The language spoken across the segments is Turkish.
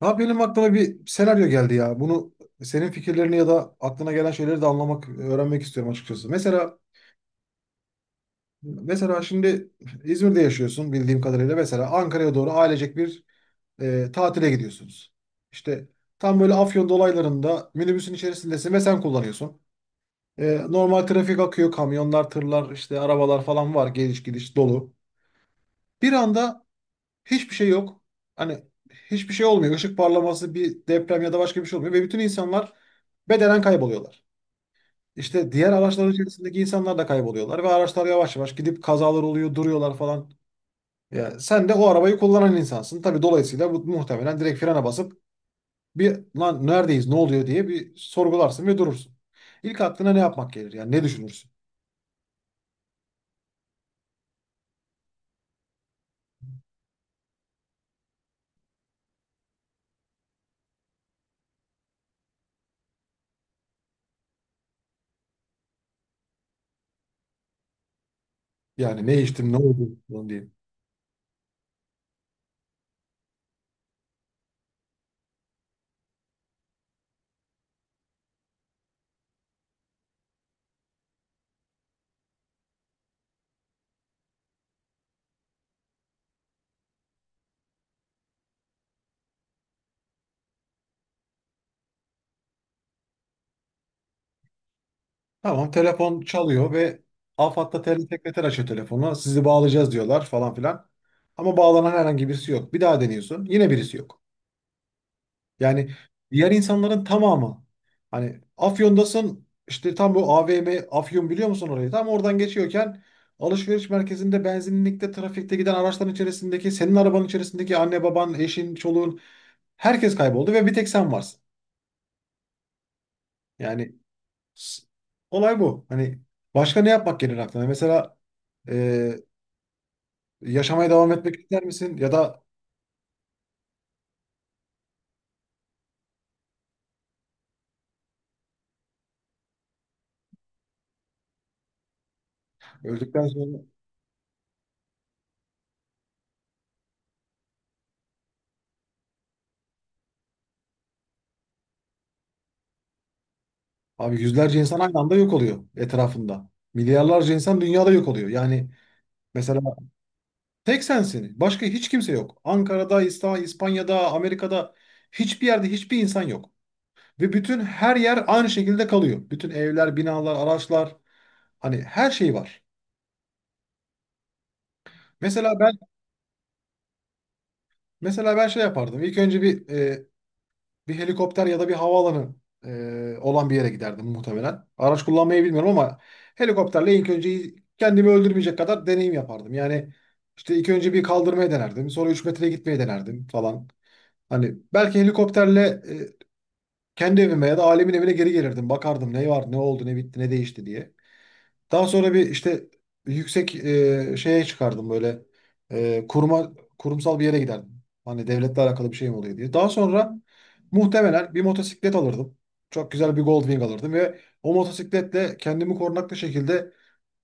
Ha benim aklıma bir senaryo geldi ya. Bunu senin fikirlerini ya da aklına gelen şeyleri de anlamak, öğrenmek istiyorum açıkçası. Mesela şimdi İzmir'de yaşıyorsun bildiğim kadarıyla. Mesela Ankara'ya doğru ailecek bir tatile gidiyorsunuz. İşte tam böyle Afyon dolaylarında minibüsün içerisindesin ve sen kullanıyorsun. Normal trafik akıyor, kamyonlar, tırlar, işte arabalar falan var, geliş gidiş dolu. Bir anda hiçbir şey yok. Hani hiçbir şey olmuyor. Işık parlaması, bir deprem ya da başka bir şey olmuyor ve bütün insanlar bedenen kayboluyorlar. İşte diğer araçların içerisindeki insanlar da kayboluyorlar ve araçlar yavaş yavaş gidip kazalar oluyor, duruyorlar falan. Ya sen de o arabayı kullanan insansın. Tabii dolayısıyla bu muhtemelen direkt frene basıp bir lan neredeyiz, ne oluyor diye bir sorgularsın ve durursun. İlk aklına ne yapmak gelir? Yani ne düşünürsün? Yani ne içtim, ne oldu falan diye. Tamam, telefon çalıyor ve AFAD'da sekreter açıyor telefonu. Sizi bağlayacağız diyorlar falan filan. Ama bağlanan herhangi birisi yok. Bir daha deniyorsun. Yine birisi yok. Yani diğer insanların tamamı, hani Afyon'dasın, işte tam bu AVM, Afyon, biliyor musun orayı? Tam oradan geçiyorken alışveriş merkezinde, benzinlikte, trafikte giden araçların içerisindeki, senin arabanın içerisindeki anne baban, eşin, çoluğun, herkes kayboldu ve bir tek sen varsın. Yani s- olay bu. Hani başka ne yapmak gelir aklına? Mesela e, yaşamaya devam etmek ister misin? Ya da öldükten sonra abi yüzlerce insan aynı anda yok oluyor etrafında. Milyarlarca insan dünyada yok oluyor. Yani mesela tek sensin. Başka hiç kimse yok. Ankara'da, İspanya'da, Amerika'da hiçbir yerde hiçbir insan yok. Ve bütün her yer aynı şekilde kalıyor. Bütün evler, binalar, araçlar, hani her şey var. Mesela ben mesela ben şey yapardım. İlk önce bir bir helikopter ya da bir havaalanı olan bir yere giderdim muhtemelen. Araç kullanmayı bilmiyorum ama helikopterle ilk önce kendimi öldürmeyecek kadar deneyim yapardım. Yani işte ilk önce bir kaldırmaya denerdim. Sonra 3 metreye gitmeye denerdim falan. Hani belki helikopterle e, kendi evime ya da ailemin evine geri gelirdim. Bakardım ne var, ne oldu, ne bitti, ne değişti diye. Daha sonra bir işte yüksek şeye çıkardım, böyle e, kuruma kurumsal bir yere giderdim. Hani devletle alakalı bir şey mi oluyor diye. Daha sonra muhtemelen bir motosiklet alırdım. Çok güzel bir Goldwing alırdım ve o motosikletle kendimi korunaklı şekilde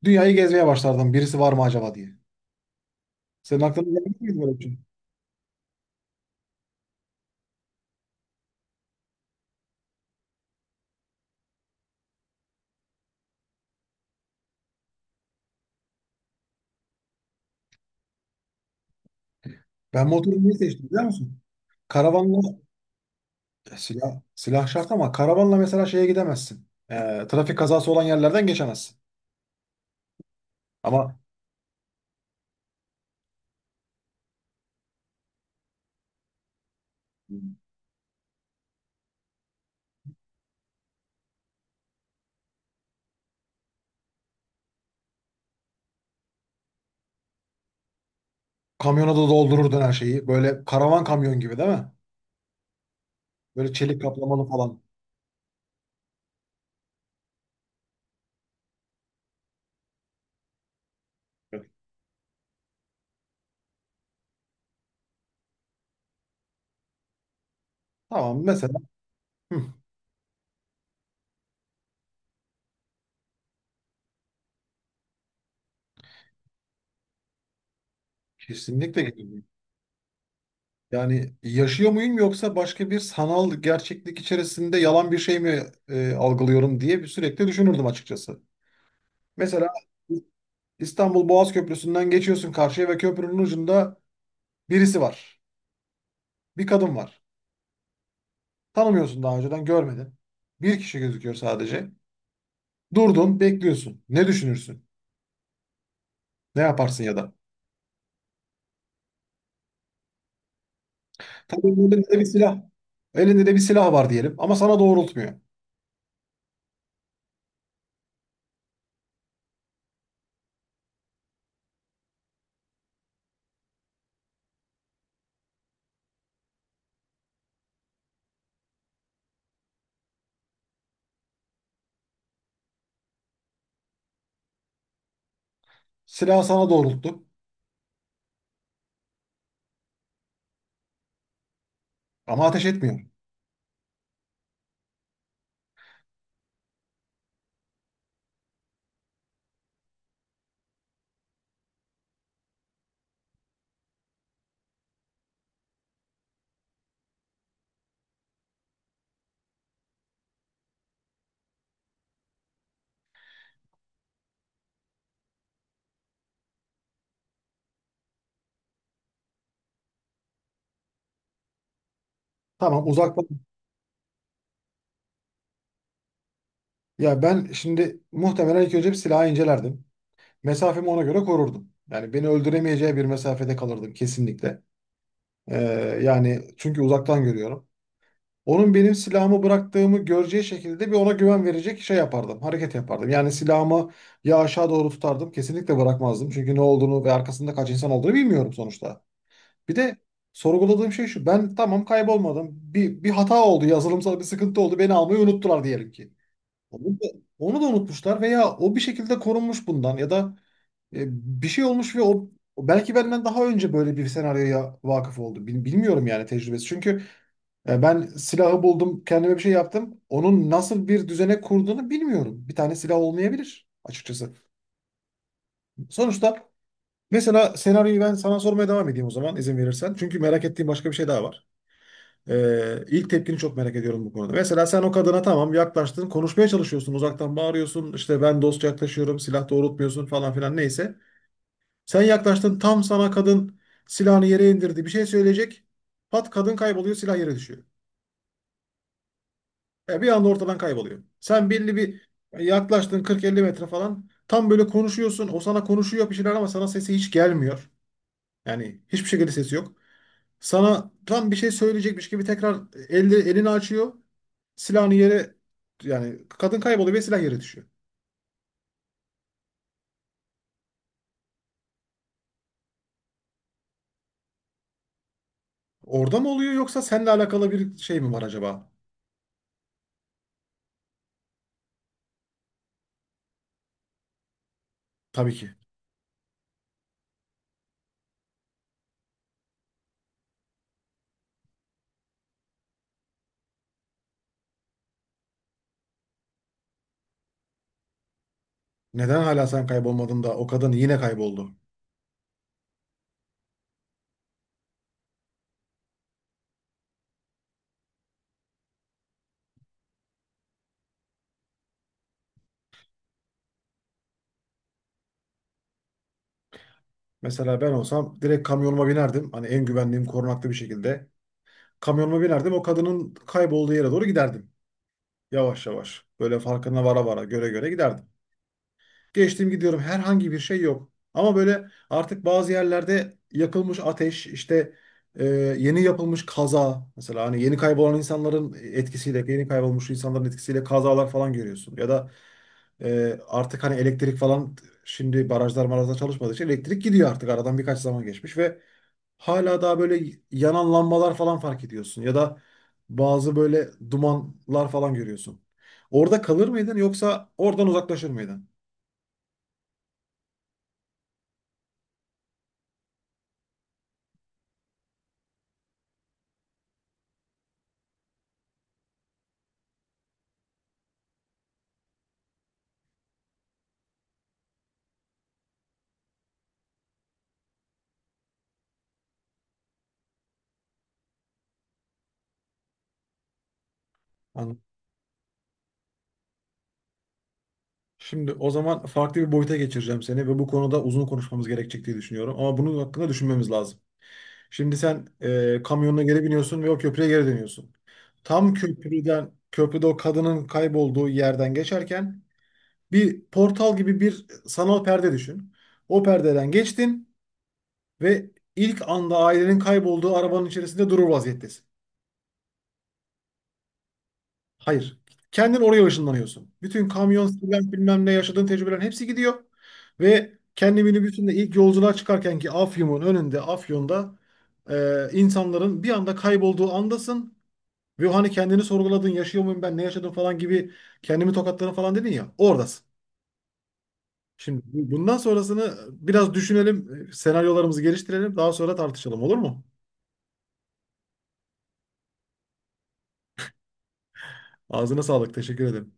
dünyayı gezmeye başlardım. Birisi var mı acaba diye. Senin aklına gelmiş miydi böyle bir şey? Ben motoru niye seçtim biliyor musun? Karavanla silah şart ama karavanla mesela şeye gidemezsin. Trafik kazası olan yerlerden geçemezsin. Ama kamyona da doldururdun her şeyi. Böyle karavan kamyon gibi değil mi? Böyle çelik kaplamalı falan. Evet. Tamam mesela. Hı, kesinlikle gelirim. Yani yaşıyor muyum yoksa başka bir sanal gerçeklik içerisinde yalan bir şey mi algılıyorum diye bir sürekli düşünürdüm açıkçası. Mesela İstanbul Boğaz Köprüsü'nden geçiyorsun karşıya ve köprünün ucunda birisi var. Bir kadın var. Tanımıyorsun, daha önceden görmedin. Bir kişi gözüküyor sadece. Durdun, bekliyorsun. Ne düşünürsün? Ne yaparsın ya da? Tabii elinde de bir silah. Elinde de bir silah var diyelim ama sana doğrultmuyor. Silah sana doğrulttu ama ateş etmiyor. Tamam, uzaktan. Ya ben şimdi muhtemelen ilk önce bir silahı incelerdim. Mesafemi ona göre korurdum. Yani beni öldüremeyeceği bir mesafede kalırdım kesinlikle. Ee, Yani çünkü uzaktan görüyorum. Onun benim silahımı bıraktığımı göreceği şekilde bir ona güven verecek şey yapardım. Hareket yapardım. Yani silahımı ya aşağı doğru tutardım. Kesinlikle bırakmazdım. Çünkü ne olduğunu ve arkasında kaç insan olduğunu bilmiyorum sonuçta. Bir de sorguladığım şey şu. Ben tamam kaybolmadım. Bir hata oldu. Yazılımsal bir sıkıntı oldu. Beni almayı unuttular diyelim ki. Onu da, onu da unutmuşlar veya o bir şekilde korunmuş bundan ya da e, bir şey olmuş ve o belki benden daha önce böyle bir senaryoya vakıf oldu. Bilmiyorum yani tecrübesi. Çünkü ben silahı buldum, kendime bir şey yaptım. Onun nasıl bir düzene kurduğunu bilmiyorum. Bir tane silah olmayabilir açıkçası. Sonuçta mesela senaryoyu ben sana sormaya devam edeyim o zaman, izin verirsen. Çünkü merak ettiğim başka bir şey daha var. İlk tepkini çok merak ediyorum bu konuda. Mesela sen o kadına tamam yaklaştın, konuşmaya çalışıyorsun, uzaktan bağırıyorsun, işte ben dostça yaklaşıyorum, silah doğrultmuyorsun falan filan neyse. Sen yaklaştın, tam sana kadın silahını yere indirdi, bir şey söyleyecek. Pat, kadın kayboluyor, silah yere düşüyor. Ya bir anda ortadan kayboluyor. Sen belli bir yaklaştın, 40-50 metre falan. Tam böyle konuşuyorsun, o sana konuşuyor bir şeyler ama sana sesi hiç gelmiyor. Yani hiçbir şekilde sesi yok. Sana tam bir şey söyleyecekmiş gibi tekrar elini açıyor. Silahını yere, yani kadın kayboluyor ve silah yere düşüyor. Orada mı oluyor yoksa seninle alakalı bir şey mi var acaba? Tabii ki. Neden hala sen kaybolmadın da o kadın yine kayboldu? Mesela ben olsam direkt kamyonuma binerdim. Hani en güvenliğim korunaklı bir şekilde. Kamyonuma binerdim, o kadının kaybolduğu yere doğru giderdim. Yavaş yavaş böyle farkına vara vara, göre göre giderdim. Geçtim, gidiyorum. Herhangi bir şey yok. Ama böyle artık bazı yerlerde yakılmış ateş, işte e, yeni yapılmış kaza. Mesela hani yeni kaybolan insanların etkisiyle, yeni kaybolmuş insanların etkisiyle kazalar falan görüyorsun. Ya da artık hani elektrik falan, şimdi barajlar marajlar çalışmadığı için elektrik gidiyor artık. Aradan birkaç zaman geçmiş ve hala daha böyle yanan lambalar falan fark ediyorsun. Ya da bazı böyle dumanlar falan görüyorsun. Orada kalır mıydın yoksa oradan uzaklaşır mıydın? Şimdi o zaman farklı bir boyuta geçireceğim seni ve bu konuda uzun konuşmamız gerekecek diye düşünüyorum. Ama bunun hakkında düşünmemiz lazım. Şimdi sen kamyonuna geri biniyorsun ve o köprüye geri dönüyorsun. Tam köprüde o kadının kaybolduğu yerden geçerken bir portal gibi bir sanal perde düşün. O perdeden geçtin ve ilk anda ailenin kaybolduğu arabanın içerisinde durur vaziyettesin. Hayır. Kendin oraya ışınlanıyorsun. Bütün kamyon, silah, bilmem ne, yaşadığın tecrübelerin hepsi gidiyor. Ve kendi minibüsünde ilk yolculuğa çıkarken ki Afyon'un önünde, Afyon'da insanların bir anda kaybolduğu andasın. Ve hani kendini sorguladın, yaşıyor muyum ben, ne yaşadım falan gibi, kendimi tokatladım falan dedin ya, oradasın. Şimdi bundan sonrasını biraz düşünelim, senaryolarımızı geliştirelim, daha sonra tartışalım, olur mu? Ağzına sağlık, teşekkür ederim.